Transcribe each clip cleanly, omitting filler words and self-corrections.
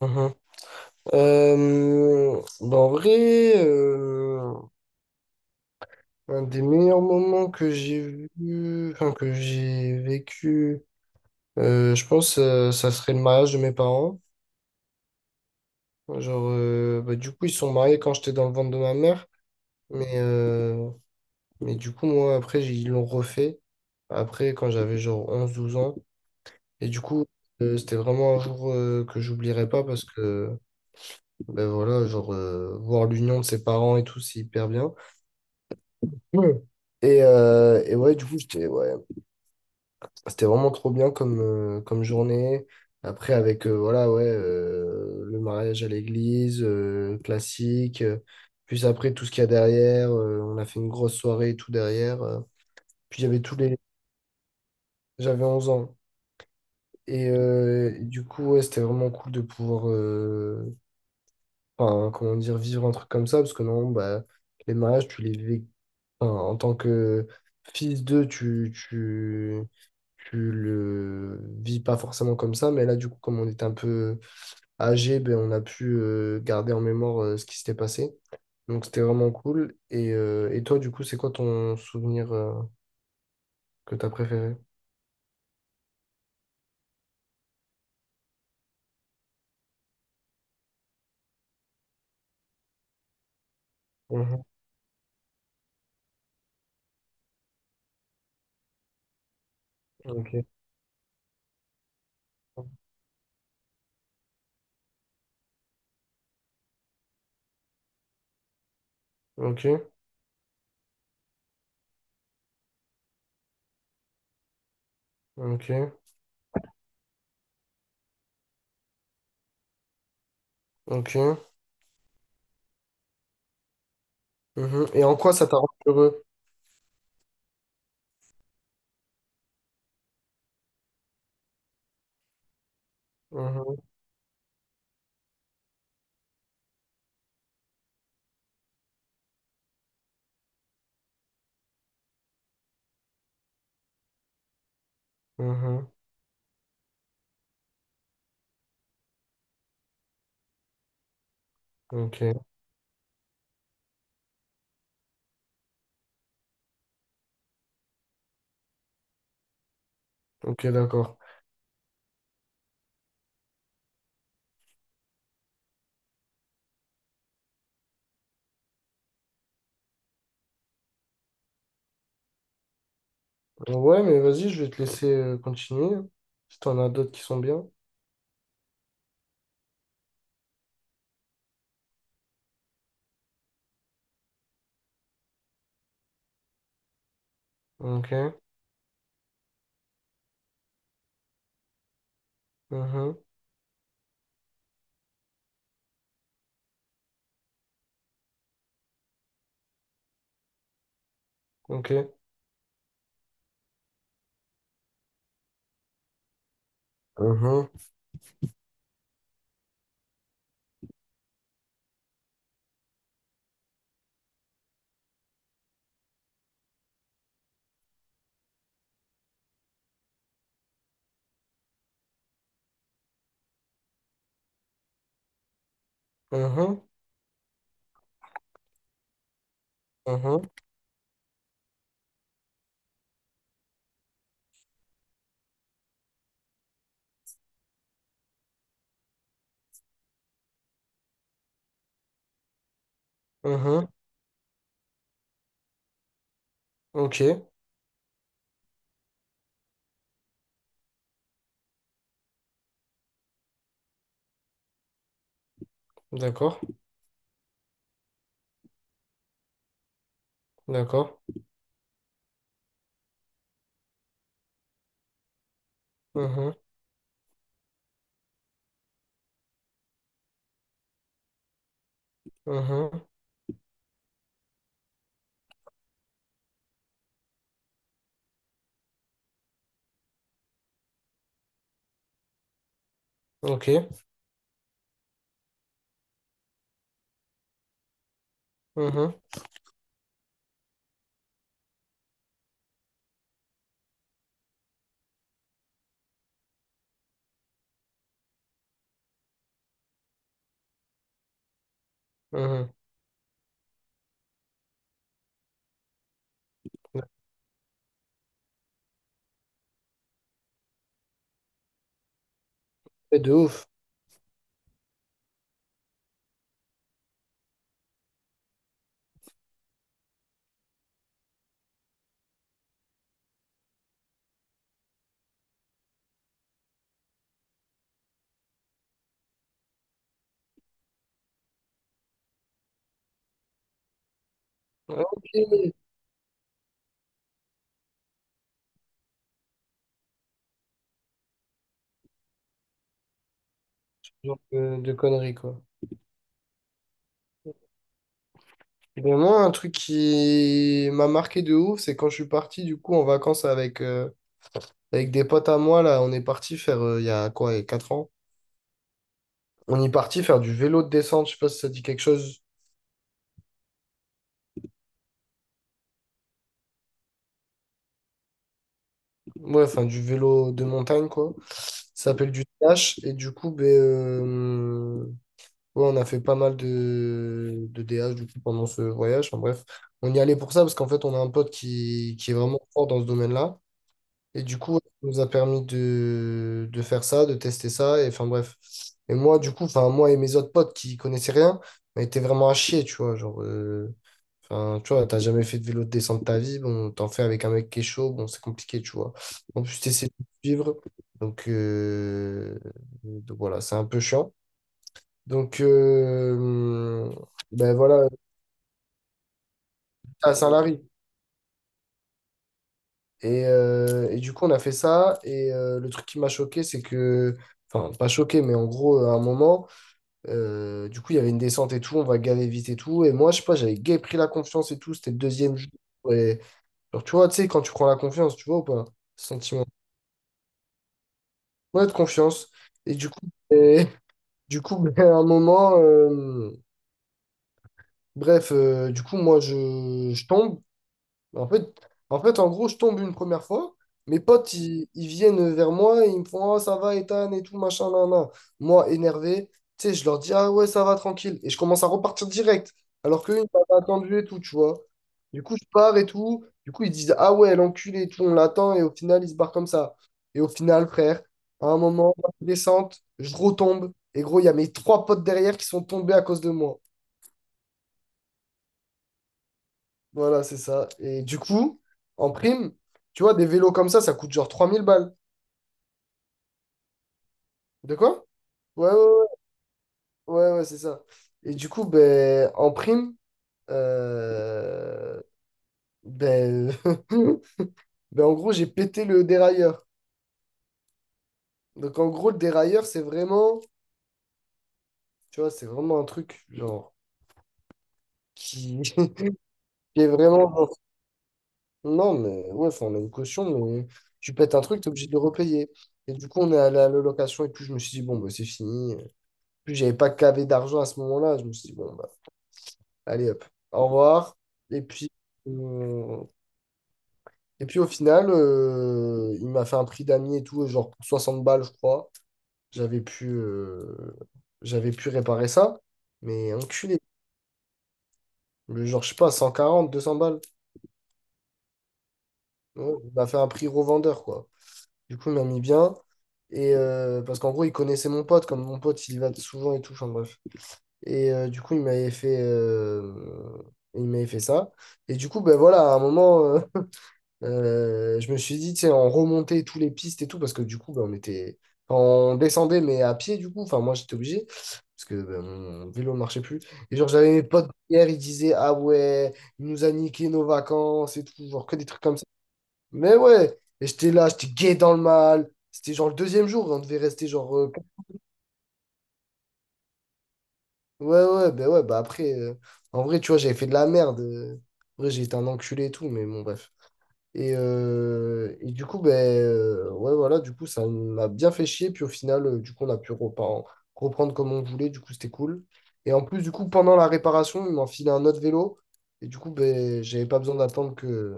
Mhm. Bah, en vrai, un des meilleurs moments que j'ai vu, enfin que j'ai vécu, je pense, ça serait le mariage de mes parents. Genre, bah, du coup, ils se sont mariés quand j'étais dans le ventre de ma mère, mais, mais du coup, moi, après, ils l'ont refait, après, quand j'avais genre 11 12 ans. Et du coup, c'était vraiment un jour que j'oublierai pas parce que, ben voilà, genre, voir l'union de ses parents et tout, c'est hyper bien. Ouais. Et ouais, du coup, j'étais, ouais, c'était vraiment trop bien comme journée. Après, avec, voilà, ouais, le mariage à l'église, classique. Puis après, tout ce qu'il y a derrière. On a fait une grosse soirée et tout derrière. Puis j'avais tous les... J'avais 11 ans. Et du coup, ouais, c'était vraiment cool de pouvoir, enfin, comment dire, vivre un truc comme ça. Parce que non, bah, les mariages, tu les vis, enfin, en tant que fils d'eux, tu le vis pas forcément comme ça, mais là, du coup, comme on était un peu âgé, ben, on a pu garder en mémoire ce qui s'était passé. Donc, c'était vraiment cool. Et toi, du coup, c'est quoi ton souvenir que tu as préféré? Mhm. Ok, ok, ok, ok. Mhm. Et en quoi ça t'a rendu heureux? Mhm. Mhm. Ok, ok, d'accord. Ouais, mais vas-y, je vais te laisser continuer. Si t'en as d'autres qui sont bien. Ok, mhm, ok, mhm, mhm, mhm, mhm, ok, d'accord, d'accord, mhm, mhm, ok, mhm, mhm. Ouais, de ouf. Ah, ok, ce genre de conneries, quoi. Et ben moi, un truc qui m'a marqué de ouf, c'est quand je suis parti, du coup, en vacances avec des potes à moi, là, on est parti faire, il y a quoi, il y a 4 ans, on est parti faire du vélo de descente, je sais pas si ça dit quelque chose. Ouais, enfin du vélo de montagne, quoi. Ça s'appelle du DH. Et du coup, ben, ouais, on a fait pas mal de DH du coup, pendant ce voyage. Enfin, bref, on y allait pour ça parce qu'en fait, on a un pote qui est vraiment fort dans ce domaine-là. Et du coup, ça nous a permis de faire ça, de tester ça. Et enfin bref. Et moi, du coup, enfin, moi et mes autres potes qui connaissaient rien, on était vraiment à chier, tu vois. Genre, enfin, tu vois, t'as jamais fait de vélo de descente de ta vie, bon, t'en fais avec un mec qui est chaud, bon, c'est compliqué, tu vois. En plus, t'essaies de suivre, donc, euh, donc voilà, c'est un peu chiant. Donc, ben voilà, à Saint-Lary. Et du coup, on a fait ça, et le truc qui m'a choqué, c'est que, enfin, pas choqué, mais en gros, à un moment, du coup, il y avait une descente et tout, on va galérer vite et tout, et moi, je sais pas, j'avais gay pris la confiance et tout, c'était le deuxième jour, et alors, tu vois, tu sais, quand tu prends la confiance, tu vois ou pas? Ce sentiment. Ouais, de confiance. Et du coup, et du coup, à un moment, bref, du coup, moi, je tombe. Bah, en fait, en gros, je tombe une première fois. Mes potes, ils viennent vers moi et ils me font Ah, ça va, Ethan, et tout, machin, nan, nan. Moi, énervé, tu sais, je leur dis Ah ouais, ça va, tranquille. Et je commence à repartir direct. Alors qu'eux, ils m'avaient attendu et tout, tu vois. Du coup, je pars et tout. Du coup, ils disent Ah ouais, l'enculé et tout, on l'attend. Et au final, ils se barrent comme ça. Et au final, frère, à un moment, descente, je retombe. Et gros, il y a mes trois potes derrière qui sont tombés à cause de moi. Voilà, c'est ça. Et du coup, en prime, tu vois, des vélos comme ça coûte genre 3 000 balles. De quoi? Ouais, ouais, ouais, ouais, ouais, c'est ça. Et du coup, ben, en prime, euh, ben, ben, en gros, j'ai pété le dérailleur. Donc, en gros, le dérailleur, c'est vraiment, tu vois, c'est vraiment un truc, genre, qui, qui est vraiment. Non, mais ouais, enfin, on a une caution, mais tu pètes un truc, t'es obligé de le repayer. Et du coup, on est allé à la location, et puis je me suis dit, bon, ben, c'est fini. Puis j'avais pas cavé d'argent à ce moment-là. Je me suis dit, bon, bah, allez hop, au revoir. Et puis, euh, et puis au final, il m'a fait un prix d'amis et tout, genre pour 60 balles, je crois. J'avais pu, euh, j'avais pu réparer ça. Mais enculé. Le Genre, je sais pas, 140 200 balles. Ouais, il m'a fait un prix revendeur, quoi. Du coup, il m'a mis bien. Et parce qu'en gros, il connaissait mon pote, comme mon pote, il y va souvent et tout. Enfin bref. Et du coup, il m'avait fait ça. Et du coup, ben voilà, à un moment, je me suis dit, tu sais, on remontait tous les pistes et tout, parce que du coup, ben, on était, enfin, on descendait, mais à pied, du coup. Enfin, moi, j'étais obligé, parce que ben, mon vélo ne marchait plus. Et genre, j'avais mes potes hier, ils disaient, ah ouais, il nous a niqué nos vacances et tout, genre que des trucs comme ça. Mais ouais, et j'étais là, j'étais gay dans le mal. C'était genre le deuxième jour, on devait rester genre Ouais, ouais, bah après, en vrai, tu vois, j'avais fait de la merde. En vrai, j'ai été un enculé et tout, mais bon, bref. Et du coup, ben ouais, voilà, du coup, ça m'a bien fait chier. Puis au final, du coup, on a pu reprendre comme on voulait. Du coup, c'était cool. Et en plus, du coup, pendant la réparation, ils m'ont filé un autre vélo. Et du coup, ben, j'avais pas besoin d'attendre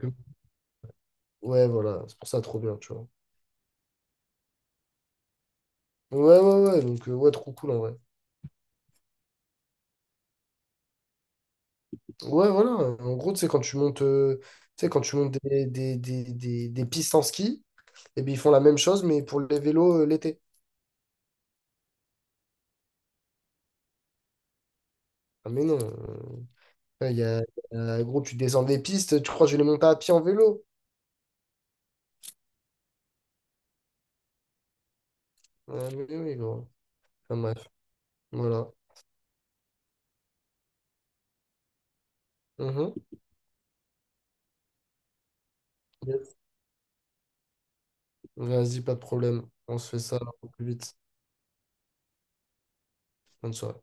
que- Ouais, voilà, c'est pour ça, trop bien, tu vois. Ouais, ouais, ouais, donc, ouais, trop cool, en vrai. Ouais, voilà. En gros, tu sais, quand tu montes, tu sais, quand tu montes des pistes en ski, et bien, ils font la même chose, mais pour les vélos l'été. Ah, mais non. Il y a, gros, tu descends des pistes, tu crois que je vais les monter à pied en vélo? Ah, mais oui, gros. Enfin, bref, voilà. Mhm. Yes. Vas-y, pas de problème. On se fait ça au plus vite. Bonne soirée.